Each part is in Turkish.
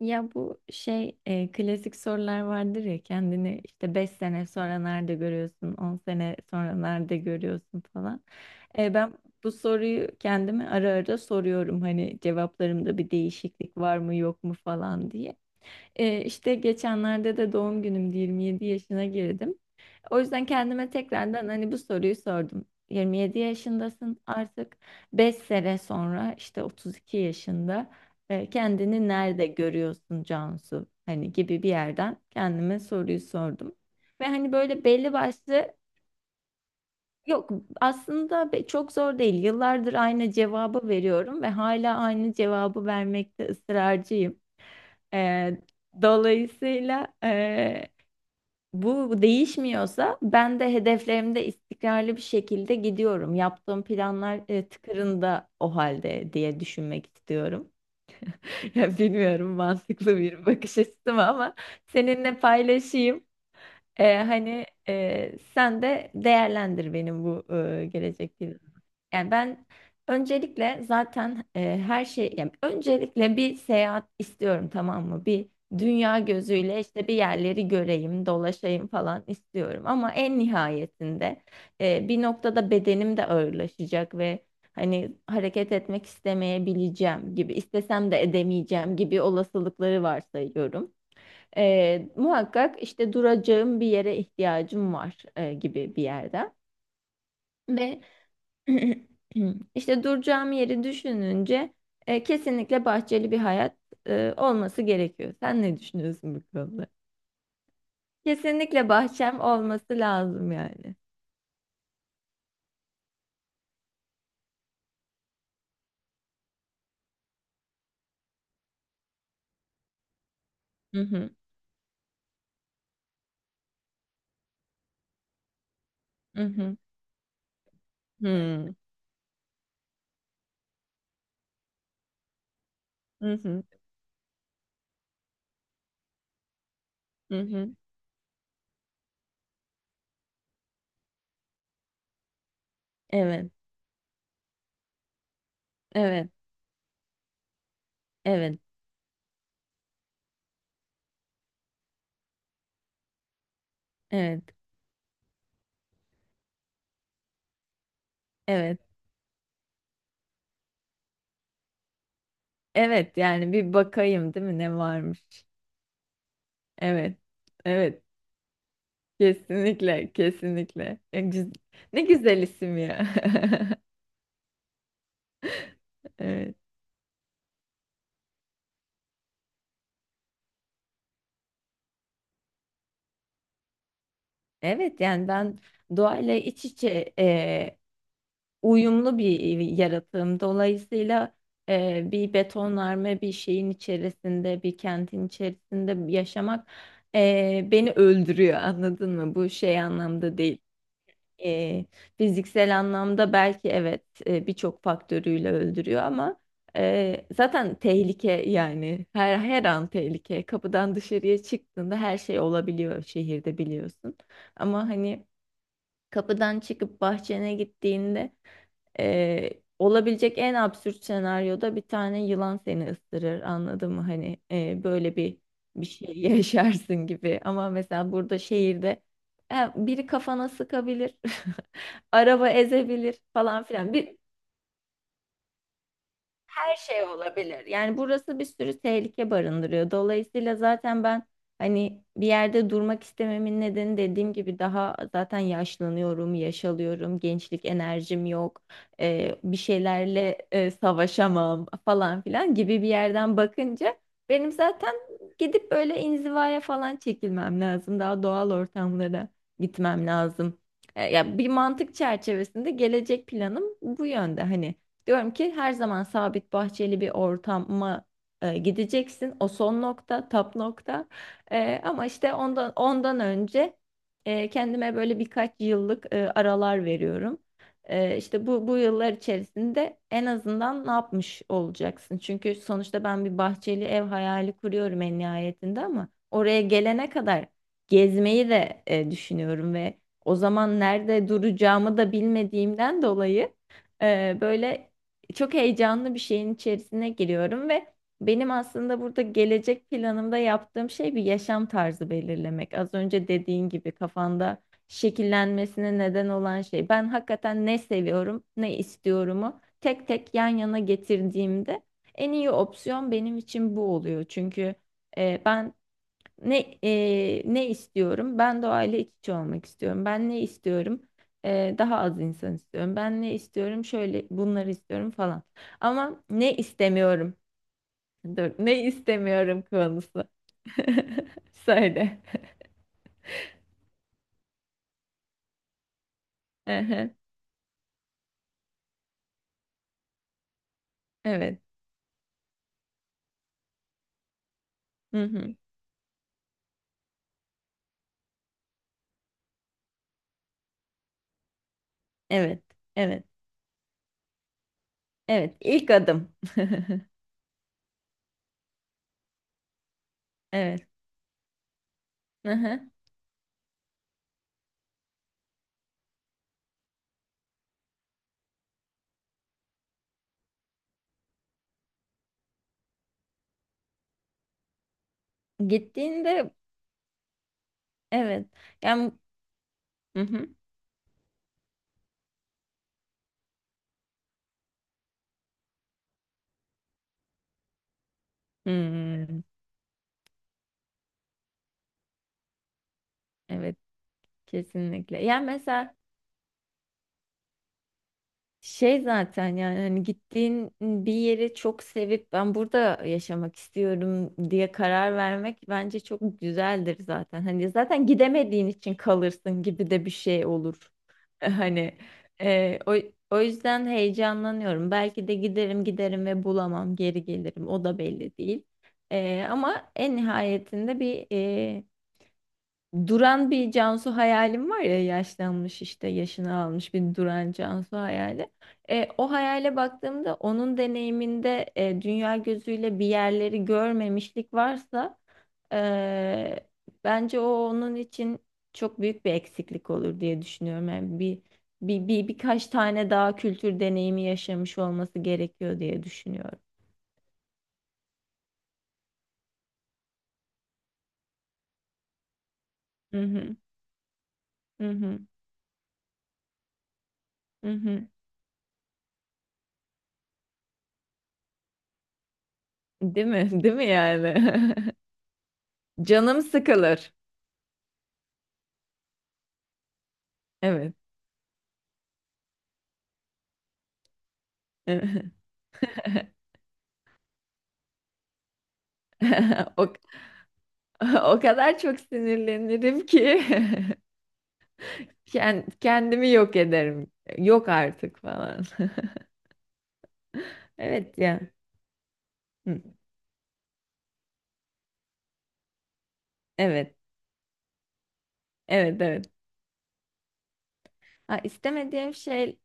Ya bu şey klasik sorular vardır ya kendini işte 5 sene sonra nerede görüyorsun, 10 sene sonra nerede görüyorsun falan. Ben bu soruyu kendime ara ara soruyorum hani cevaplarımda bir değişiklik var mı yok mu falan diye. İşte geçenlerde de doğum günümdü 27 yaşına girdim. O yüzden kendime tekrardan hani bu soruyu sordum. 27 yaşındasın artık. 5 sene sonra işte 32 yaşında kendini nerede görüyorsun Cansu? Hani gibi bir yerden kendime soruyu sordum. Ve hani böyle belli başlı yok, aslında çok zor değil. Yıllardır aynı cevabı veriyorum ve hala aynı cevabı vermekte ısrarcıyım. E, dolayısıyla bu değişmiyorsa ben de hedeflerimde istikrarlı bir şekilde gidiyorum. Yaptığım planlar tıkırında o halde diye düşünmek istiyorum. Ya bilmiyorum mantıklı bir bakış açısı mı ama seninle paylaşayım. Hani sen de değerlendir benim bu gelecek planımı. Yani ben öncelikle zaten yani öncelikle bir seyahat istiyorum, tamam mı? Bir dünya gözüyle işte bir yerleri göreyim, dolaşayım falan istiyorum. Ama en nihayetinde bir noktada bedenim de ağırlaşacak ve hani hareket etmek istemeyebileceğim gibi, istesem de edemeyeceğim gibi olasılıkları varsayıyorum. Muhakkak işte duracağım bir yere ihtiyacım var gibi bir yerden. Ve işte duracağım yeri düşününce kesinlikle bahçeli bir hayat olması gerekiyor. Sen ne düşünüyorsun bu konuda? Kesinlikle bahçem olması lazım yani. Hı hı, hı hı, hı, hı hı, hı hı. Evet, evet, evet, evet, evet, evet. Yani bir bakayım, değil mi, ne varmış? Evet, evet. Kesinlikle, kesinlikle. Ya ne güzel isim ya. Evet. Evet yani ben doğayla iç içe, uyumlu bir yaratığım. Dolayısıyla bir betonarme bir şeyin içerisinde, bir kentin içerisinde yaşamak beni öldürüyor. Anladın mı? Bu şey anlamda değil. E, fiziksel anlamda belki evet, birçok faktörüyle öldürüyor ama zaten tehlike, yani her an tehlike. Kapıdan dışarıya çıktığında her şey olabiliyor şehirde biliyorsun. Ama hani kapıdan çıkıp bahçene gittiğinde e, olabilecek en absürt senaryoda bir tane yılan seni ısırır. Anladın mı? Hani böyle bir şey yaşarsın gibi. Ama mesela burada şehirde biri kafana sıkabilir, araba ezebilir falan filan. Bir her şey olabilir. Yani burası bir sürü tehlike barındırıyor. Dolayısıyla zaten ben hani bir yerde durmak istememin nedeni dediğim gibi daha zaten yaşlanıyorum, yaşalıyorum, gençlik enerjim yok, bir şeylerle savaşamam falan filan gibi bir yerden bakınca benim zaten gidip böyle inzivaya falan çekilmem lazım. Daha doğal ortamlara gitmem lazım. Ya bir mantık çerçevesinde gelecek planım bu yönde hani. Diyorum ki her zaman sabit bahçeli bir ortama gideceksin. O son nokta, tap nokta. Ama işte ondan önce kendime böyle birkaç yıllık aralar veriyorum. İşte bu yıllar içerisinde en azından ne yapmış olacaksın? Çünkü sonuçta ben bir bahçeli ev hayali kuruyorum en nihayetinde ama oraya gelene kadar gezmeyi de düşünüyorum ve o zaman nerede duracağımı da bilmediğimden dolayı böyle çok heyecanlı bir şeyin içerisine giriyorum ve benim aslında burada gelecek planımda yaptığım şey bir yaşam tarzı belirlemek. Az önce dediğin gibi kafanda şekillenmesine neden olan şey. Ben hakikaten ne seviyorum, ne istiyorumu tek tek yan yana getirdiğimde en iyi opsiyon benim için bu oluyor. Çünkü ben ne istiyorum? Ben doğayla iç içe olmak istiyorum. Ben ne istiyorum? Daha az insan istiyorum. Ben ne istiyorum? Şöyle bunları istiyorum falan. Ama ne istemiyorum? Dur, ne istemiyorum konusu. Söyle. Ehe, evet. Hı hı. Evet. Evet. Evet. İlk adım. Evet. Hı hı. Gittiğinde evet. Yani hı hı. Hmm, evet. Kesinlikle. Yani mesela şey zaten yani hani gittiğin bir yeri çok sevip ben burada yaşamak istiyorum diye karar vermek bence çok güzeldir zaten. Hani zaten gidemediğin için kalırsın gibi de bir şey olur. Hani e, o, o yüzden heyecanlanıyorum. Belki de giderim giderim ve bulamam geri gelirim, o da belli değil. Ama en nihayetinde bir duran bir Cansu hayalim var ya, yaşlanmış işte yaşını almış bir duran Cansu hayali. O hayale baktığımda onun deneyiminde dünya gözüyle bir yerleri görmemişlik varsa e, bence o onun için çok büyük bir eksiklik olur diye düşünüyorum. Yani bir birkaç tane daha kültür deneyimi yaşamış olması gerekiyor diye düşünüyorum. Hı hı, hı hı, hı hı. Değil mi? Değil mi yani? Canım sıkılır. Evet. O, o kadar çok sinirlenirim ki kendimi yok ederim. Yok artık falan. Evet ya. Hı, evet. Evet evet. Ha, istemediğim şey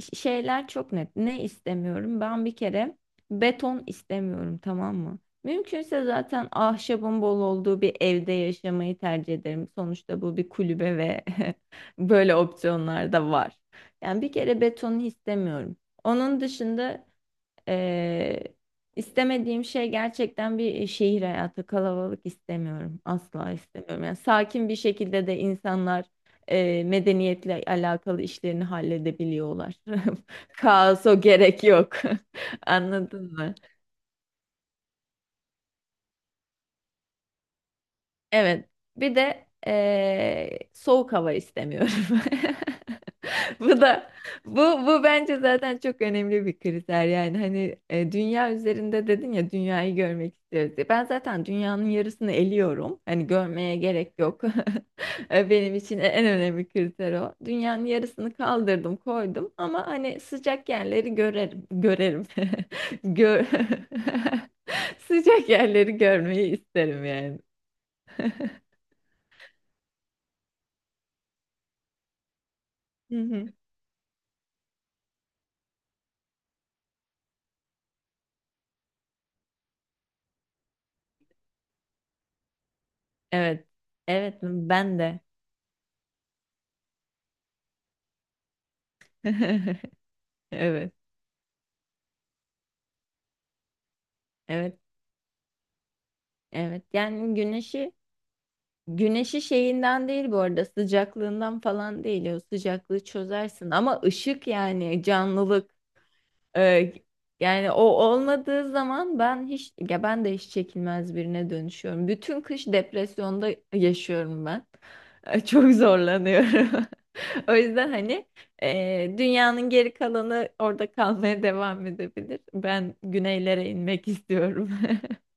şeyler çok net. Ne istemiyorum? Ben bir kere beton istemiyorum, tamam mı? Mümkünse zaten ahşabın bol olduğu bir evde yaşamayı tercih ederim. Sonuçta bu bir kulübe ve böyle opsiyonlar da var. Yani bir kere betonu istemiyorum. Onun dışında ee, istemediğim şey gerçekten bir şehir hayatı. Kalabalık istemiyorum. Asla istemiyorum. Yani sakin bir şekilde de insanlar medeniyetle alakalı işlerini halledebiliyorlar. Kaos o gerek yok. Anladın mı? Evet. Bir de soğuk hava istemiyorum. Bu da bu bu bence zaten çok önemli bir kriter yani hani dünya üzerinde dedin ya dünyayı görmek istiyoruz diye. Ben zaten dünyanın yarısını eliyorum. Hani görmeye gerek yok. Benim için en önemli kriter o. Dünyanın yarısını kaldırdım, koydum ama hani sıcak yerleri görerim, görerim. Gör sıcak yerleri görmeyi isterim yani. Hı hı. Evet. Evet ben de. Evet. Evet. Evet yani güneşi şeyinden değil bu arada, sıcaklığından falan değil, o sıcaklığı çözersin ama ışık yani canlılık, e, yani o olmadığı zaman ben hiç, ya ben de hiç çekilmez birine dönüşüyorum. Bütün kış depresyonda yaşıyorum ben. Çok zorlanıyorum. O yüzden hani dünyanın geri kalanı orada kalmaya devam edebilir. Ben güneylere inmek istiyorum.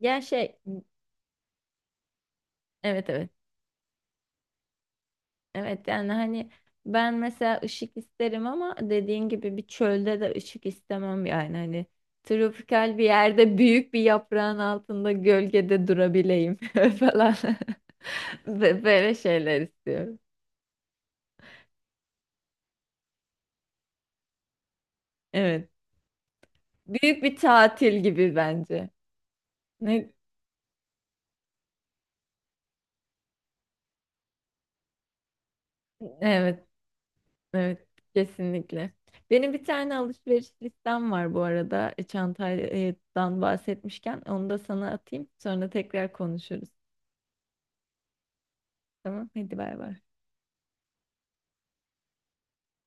Ya şey evet evet. Evet yani hani ben mesela ışık isterim ama dediğin gibi bir çölde de ışık istemem yani hani tropikal bir yerde büyük bir yaprağın altında gölgede durabileyim falan. Böyle şeyler istiyorum. Evet. Büyük bir tatil gibi bence. Ne? Evet, evet kesinlikle. Benim bir tane alışveriş listem var bu arada. Çantadan bahsetmişken onu da sana atayım. Sonra tekrar konuşuruz. Tamam, hadi bay bay.